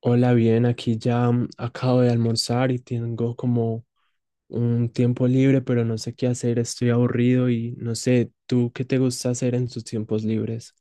Hola, bien, aquí ya acabo de almorzar y tengo como un tiempo libre, pero no sé qué hacer, estoy aburrido y no sé, ¿tú qué te gusta hacer en tus tiempos libres?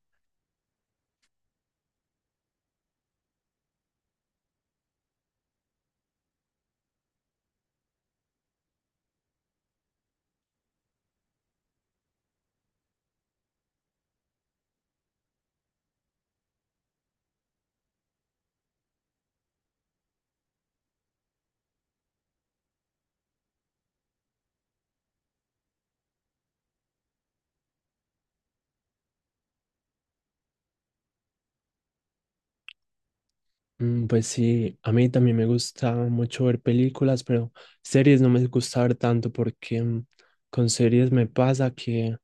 Pues sí, a mí también me gusta mucho ver películas, pero series no me gusta ver tanto porque con series me pasa que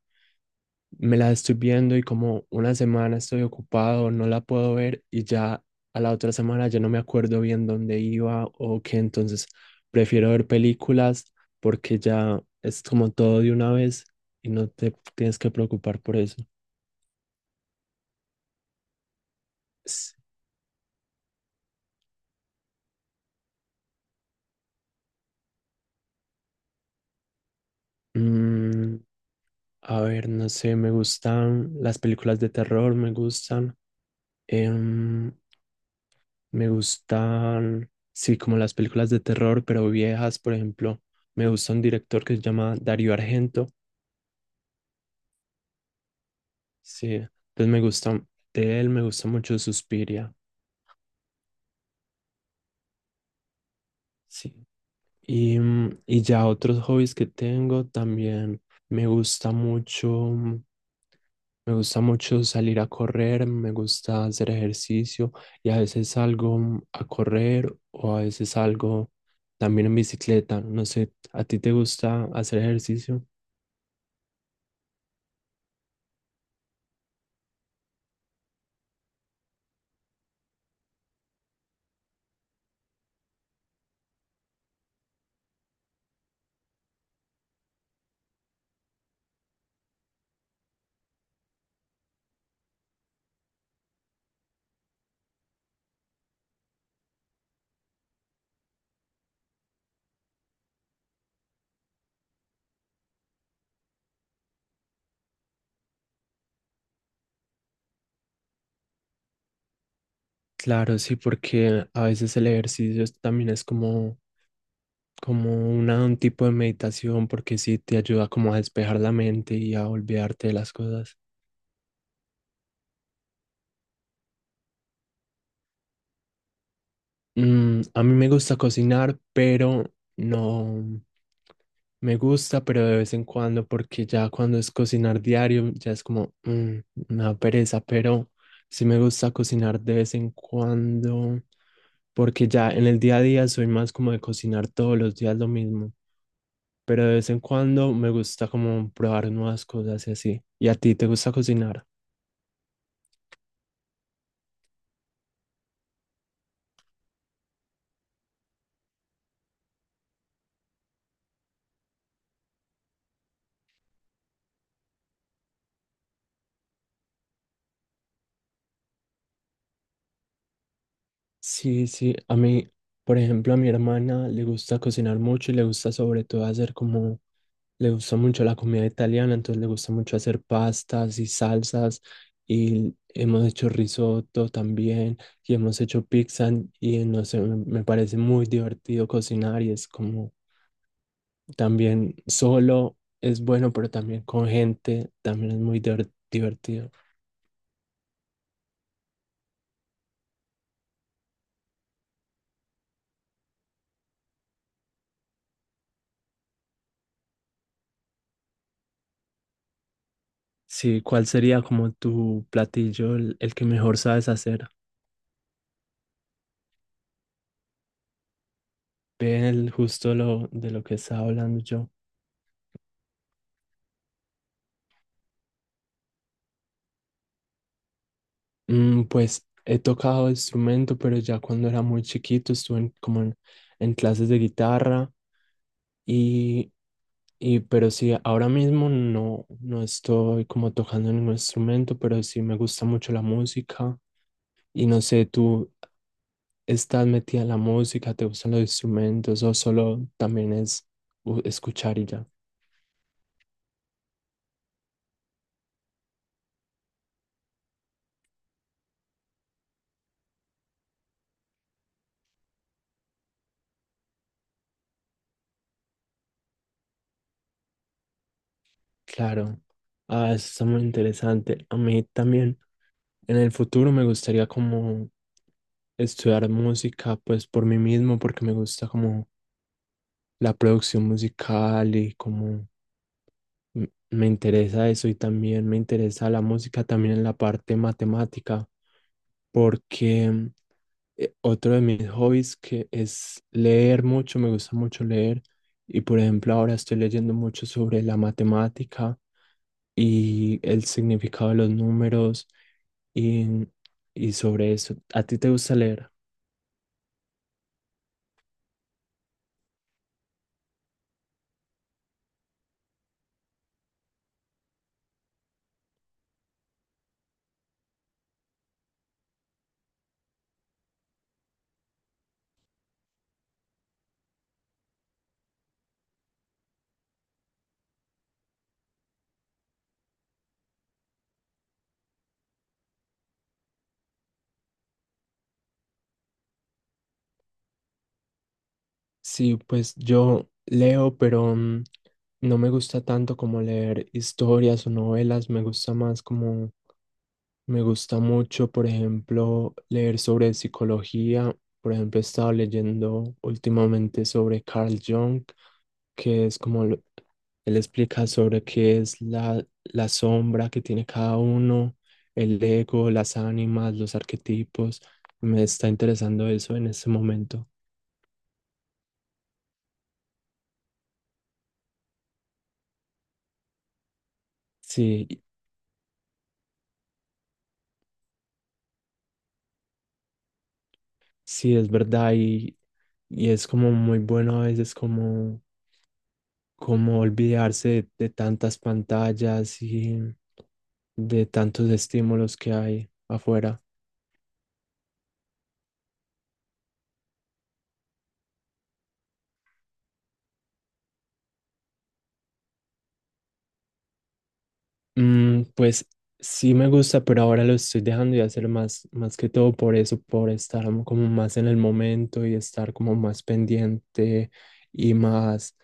me la estoy viendo y como una semana estoy ocupado, no la puedo ver y ya a la otra semana ya no me acuerdo bien dónde iba o qué, entonces prefiero ver películas porque ya es como todo de una vez y no te tienes que preocupar por eso. S- mm, a ver, no sé, me gustan las películas de terror, me gustan. Em, Me gustan, sí, como las películas de terror, pero viejas, por ejemplo. Me gusta un director que se llama Dario Argento. Sí, entonces me gusta, de él me gusta mucho Suspiria. Sí. Y ya otros hobbies que tengo también. Me gusta mucho, mm, me gusta mucho salir a correr, me gusta hacer ejercicio y a veces salgo a correr o a veces salgo también en bicicleta. No sé, ¿a ti te gusta hacer ejercicio? Claro, sí, porque a veces el ejercicio también es como, como un tipo de meditación, porque sí te ayuda como a despejar la mente y a olvidarte de las cosas. Mm, a mí me gusta cocinar, pero no me gusta, pero de vez en cuando, porque ya cuando es cocinar diario, ya es como me da pereza, pero sí me gusta cocinar de vez en cuando, porque ya en el día a día soy más como de cocinar todos los días lo mismo. Pero de vez en cuando me gusta como probar nuevas cosas y así. ¿Y a ti te gusta cocinar? Sí, sí, a mí, por ejemplo, a mi hermana le gusta cocinar mucho y le gusta sobre todo hacer como, le gusta mucho la comida italiana, entonces le gusta mucho hacer pastas y salsas y hemos hecho risotto también y hemos hecho pizza y no sé, me parece muy divertido cocinar y es como también solo es bueno, pero también con gente también es muy divertido. Sí, ¿cuál sería como tu platillo, el que mejor sabes hacer? Ve el justo lo de lo que estaba hablando yo. Mm, pues he tocado instrumento, pero ya cuando era muy chiquito estuve como en clases de guitarra y, pero sí, ahora mismo no estoy como tocando ningún instrumento, pero sí me gusta mucho la música y no sé, ¿tú estás metida en la música, te gustan los instrumentos o solo también es escuchar y ya? Claro, ah, eso está muy interesante. A mí también en el futuro me gustaría como estudiar música pues por mí mismo porque me gusta como la producción musical y como me interesa eso y también me interesa la música también en la parte matemática porque otro de mis hobbies que es leer mucho, me gusta mucho leer y por ejemplo ahora estoy leyendo mucho sobre la matemática y el significado de los números y, y sobre eso. ¿A ti te gusta leer? Sí, pues yo leo, pero no me gusta tanto como leer historias o novelas, me gusta más como me gusta mucho, por ejemplo, leer sobre psicología. Por ejemplo, he estado leyendo últimamente sobre Carl Jung, que es como él explica sobre qué es la sombra que tiene cada uno, el ego, las ánimas, los arquetipos. Me está interesando eso en este momento. Sí, sí, es verdad y es como muy bueno a veces como, como olvidarse de tantas pantallas y de tantos estímulos que hay afuera. Pues sí me gusta, pero ahora lo estoy dejando de hacer más, más que todo por eso, por estar como más en el momento y estar como más pendiente y más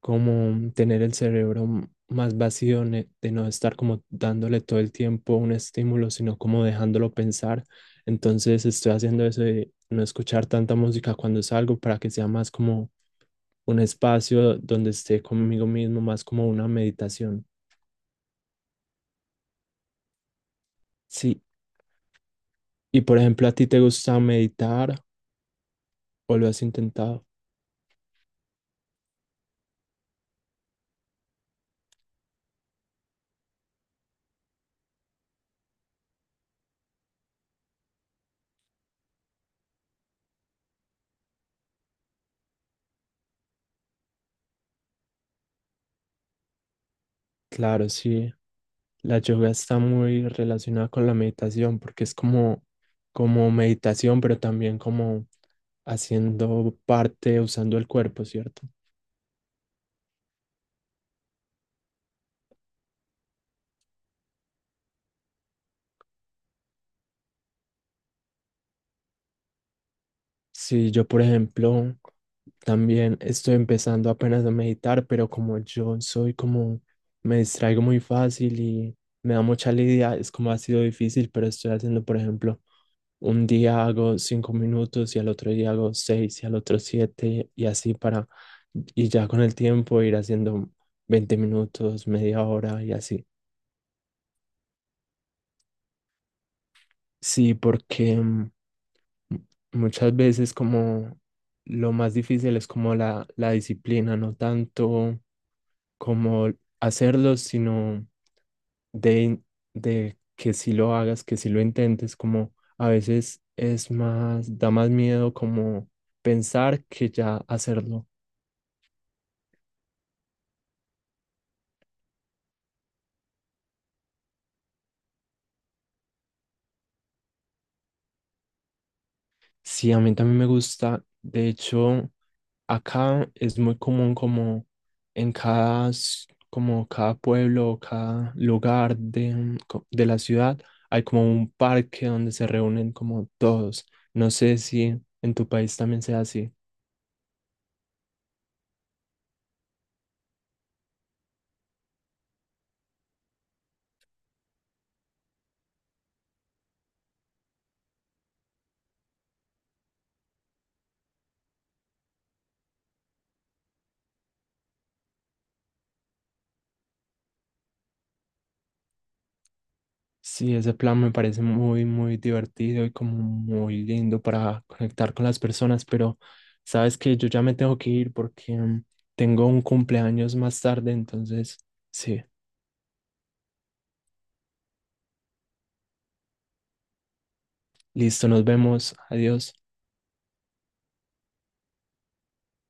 como tener el cerebro más vacío de no estar como dándole todo el tiempo un estímulo, sino como dejándolo pensar. Entonces estoy haciendo eso de no escuchar tanta música cuando salgo para que sea más como un espacio donde esté conmigo mismo, más como una meditación. Sí. Y por ejemplo, ¿a ti te gusta meditar o lo has intentado? Claro, sí. La yoga está muy relacionada con la meditación porque es como, como meditación, pero también como haciendo parte, usando el cuerpo, ¿cierto? Sí, yo, por ejemplo, también estoy empezando apenas a meditar, pero como yo soy como, me distraigo muy fácil y me da mucha lidia, es como ha sido difícil, pero estoy haciendo, por ejemplo, un día hago 5 minutos y al otro día hago seis y al otro siete y así para, y ya con el tiempo ir haciendo 20 minutos, media hora y así. Sí, porque muchas veces como lo más difícil es como la disciplina, no tanto como hacerlo, sino de, de que si lo hagas, que si lo intentes, como a veces es más, da más miedo como pensar que ya hacerlo. Sí, a mí también me gusta. De hecho, acá es muy común como en cada, como cada pueblo o cada lugar de de la ciudad, hay como un parque donde se reúnen como todos. No sé si en tu país también sea así. Sí, ese plan me parece muy, muy divertido y como muy lindo para conectar con las personas, pero sabes que yo ya me tengo que ir porque tengo un cumpleaños más tarde, entonces, sí, listo, nos vemos, adiós.